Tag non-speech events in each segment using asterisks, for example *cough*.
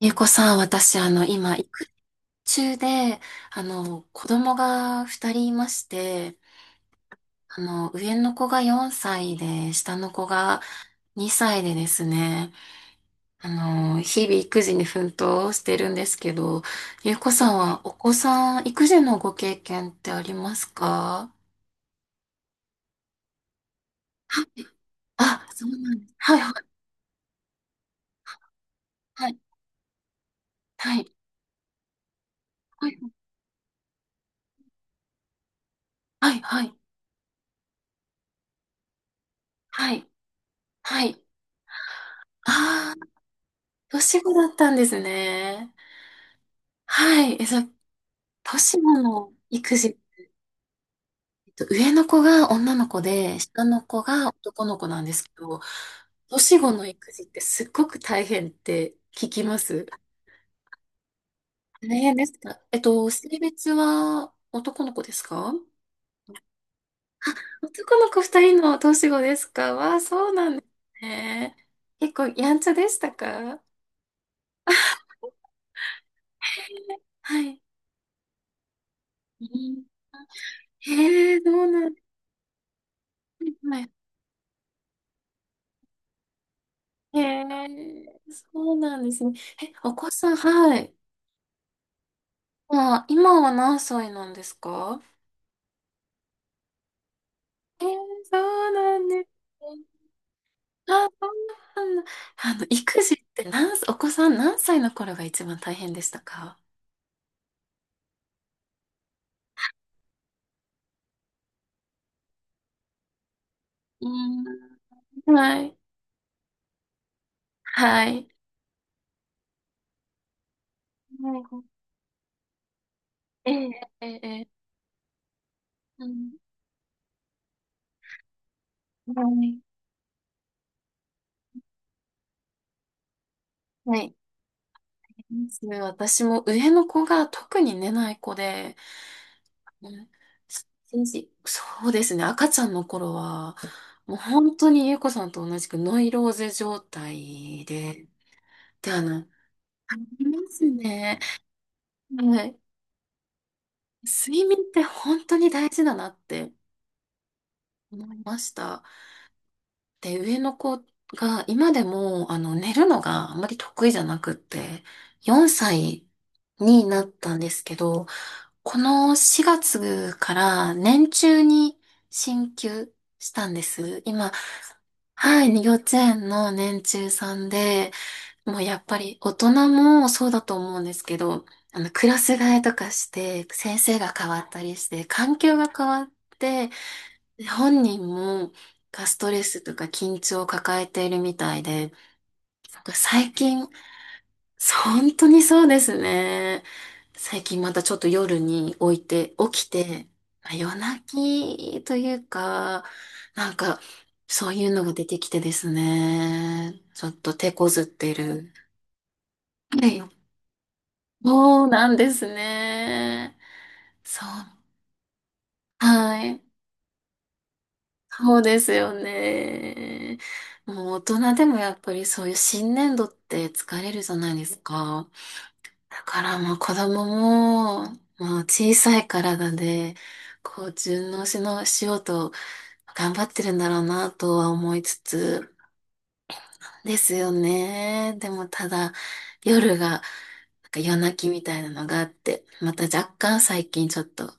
ゆうこさん、私、今、育中で、子供が二人いまして、上の子が4歳で、下の子が2歳でですね、あ日々育児に奮闘してるんですけど、ゆうこさんはお子さん、育児のご経験ってありますか？はい。あ、そうなんです。はい、はい、はい、はい、はい、はい、はい、はい。ああー、年子だったんですね。はい。年の育児、上の子が女の子で、下の子が男の子なんですけど、年子の育児ってすっごく大変って聞きます。大変ですか？性別は男の子ですか？あ、男の子二人の年子ですか？わあ、そうなんですね。結構やんちゃでしたか？はい。うん。へえ、そうなんですね。はい。へえ、そうなんですね。え、お子さん、はい。あ、今は何歳なんですか？えー、そうなんですね。あ、そうなんだ。育児って何歳、お子さん何歳の頃が一番大変でしたか？うーん、はい。はい。はい。ええええええ。うん。はい。はい。私も上の子が特に寝ない子で、うん、一日そうですね、赤ちゃんの頃は、もう本当にゆうこさんと同じくノイローゼ状態で、てあの、ありますね。はい。睡眠って本当に大事だなって思いました。で、上の子が今でも、寝るのがあんまり得意じゃなくって、4歳になったんですけど、この4月から年中に進級したんです。今、はい、幼稚園の年中さんで、もうやっぱり大人もそうだと思うんですけど、クラス替えとかして、先生が変わったりして、環境が変わって、本人もがストレスとか緊張を抱えているみたいで、なんか最近、本当にそうですね。最近またちょっと夜に置いて、起きて、まあ夜泣きというか、なんか、そういうのが出てきてですね、ちょっと手こずってる。はい。そうなんですね。そう。はい。そうですよね。もう大人でもやっぱりそういう新年度って疲れるじゃないですか。だからもう子供も、もう小さい体で、こう順応しようと頑張ってるんだろうなとは思いつつ、ですよね。でもただ、夜が、なんか夜泣きみたいなのがあって、また若干最近ちょっと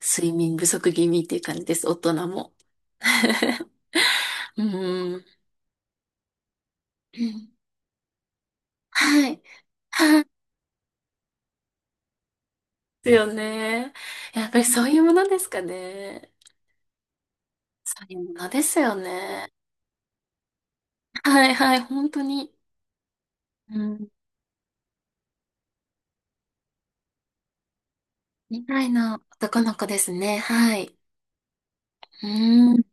睡眠不足気味っていう感じです、大人も。*laughs* うん。うん。はい。はい。ですよね。やっぱりそういうものですかね。そういうものですよね。はいはい、本当に。うん。2いの男の子ですね。はい。うん。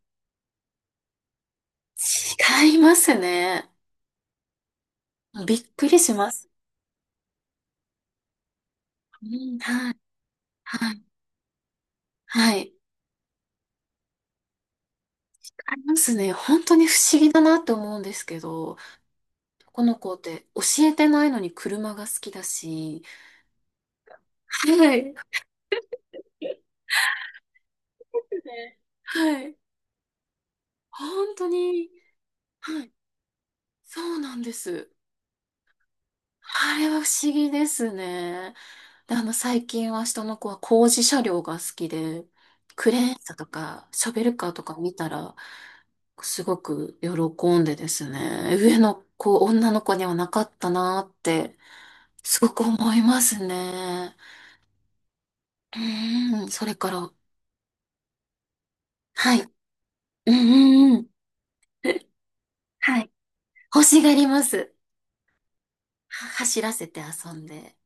違いますね。びっくりします。うん、はい。はい。はい。違いますね。本当に不思議だなって思うんですけど。この子って教えてないのに車が好きだし、はい。ね、はい。本当に、はい。そうなんです。あれは不思議ですね。で、最近は下の子は工事車両が好きで、クレーン車とか、ショベルカーとか見たら、すごく喜んでですね、上の子、女の子にはなかったなーって、すごく思いますね。うーん、それから、はい。うんうんうん。はい。欲しがります。走らせて遊んで。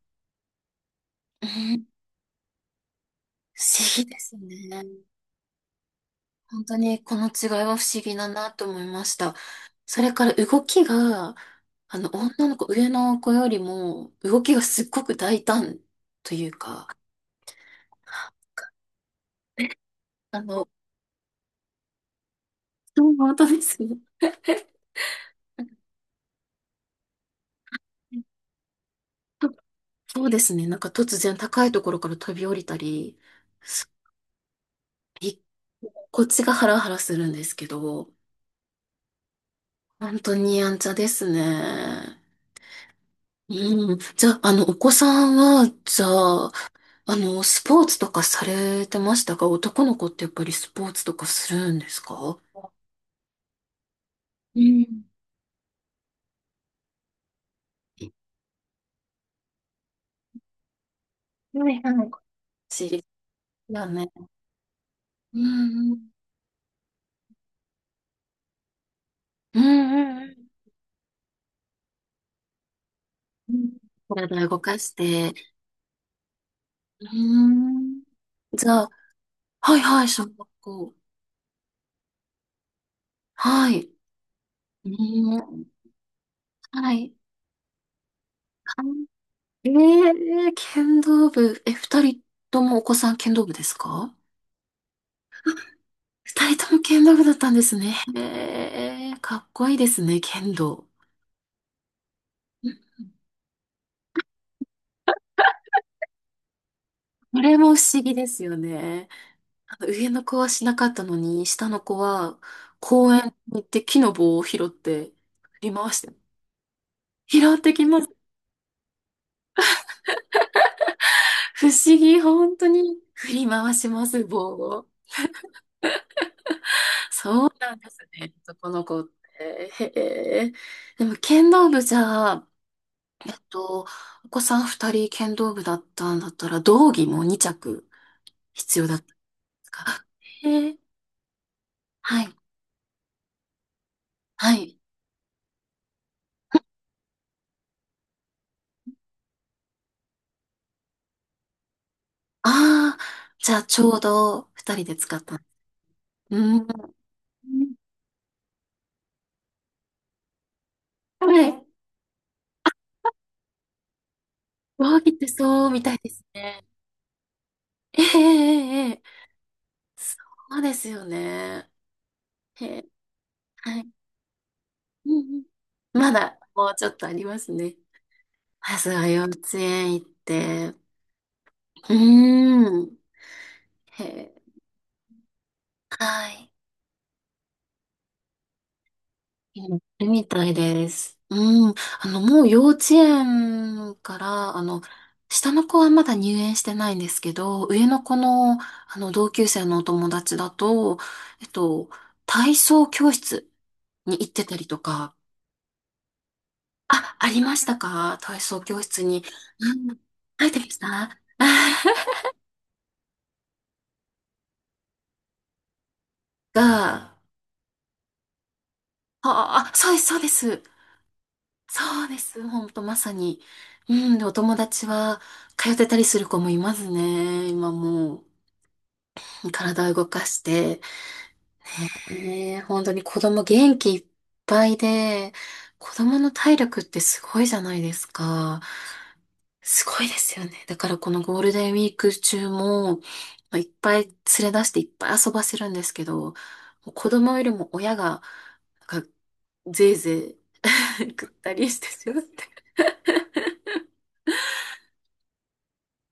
うん。不思議ですね。本当にこの違いは不思議だなと思いました。それから動きが、女の子、上の子よりも、動きがすっごく大胆というか、あの、そう、本当ですね。とそうですね。なんか突然高いところから飛び降りたり、すびこっちがハラハラするんですけど、本当にやんちゃですね。うん。じゃあ、お子さんは、じゃあ、スポーツとかされてましたか？男の子ってやっぱりスポーツとかするんですか？うん。はいはい。知りだね。うんうん。うんうんうん。うん。体を動かして。うん。じゃあ、はいはい、小学校。はい。うん。はい。あ、えー、剣道部。え、二人ともお子さん剣道部ですか？二人とも剣道部だったんですね。へえ、かっこいいですね、剣道。うん。これも不思議ですよね。上の子はしなかったのに、下の子は公園に行って木の棒を拾って振り回して、拾ってきます。不思議、本当に振り回します、棒を。そうなんですね、男の子って。へえ。でも剣道部じゃあ、えっと、お子さん二人剣道部だったんだったら、道着も二着必要だったんですか？へえ、はい、はい。ああ、じゃあちょうど二人で使った。うん。うん。はい。上着ってそうみたいですね。ええええええ。そうですよね。へえ、はい。うんうん。まだもうちょっとありますね。まずは幼稚園行って。うーん。へえ、はい。やってみたいです。うん。もう幼稚園から、下の子はまだ入園してないんですけど、上の子の、同級生のお友達だと、えっと、体操教室に行ってたりとか、あ、ありましたか？体操教室に。うん。入ってました。 *laughs* が、あ、あ、そうです、そうです。そうです。ほんと、まさに。うん。で、お友達は、通ってたりする子もいますね、今もう。体を動かして、ねえ、本当に子供元気いっぱいで、子供の体力ってすごいじゃないですか。すごいですよね。だからこのゴールデンウィーク中も、まあいっぱい連れ出していっぱい遊ばせるんですけど、もう子供よりも親が、なんか、ぜいぜい *laughs* ぐったりしてしまって。こ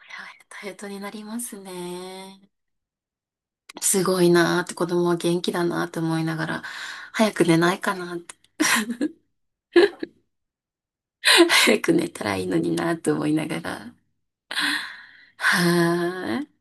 れはヘトヘトになりますね。すごいなーって子供は元気だなーって思いながら、早く寝ないかな。 *laughs* 早く寝たらいいのになと思いながら。は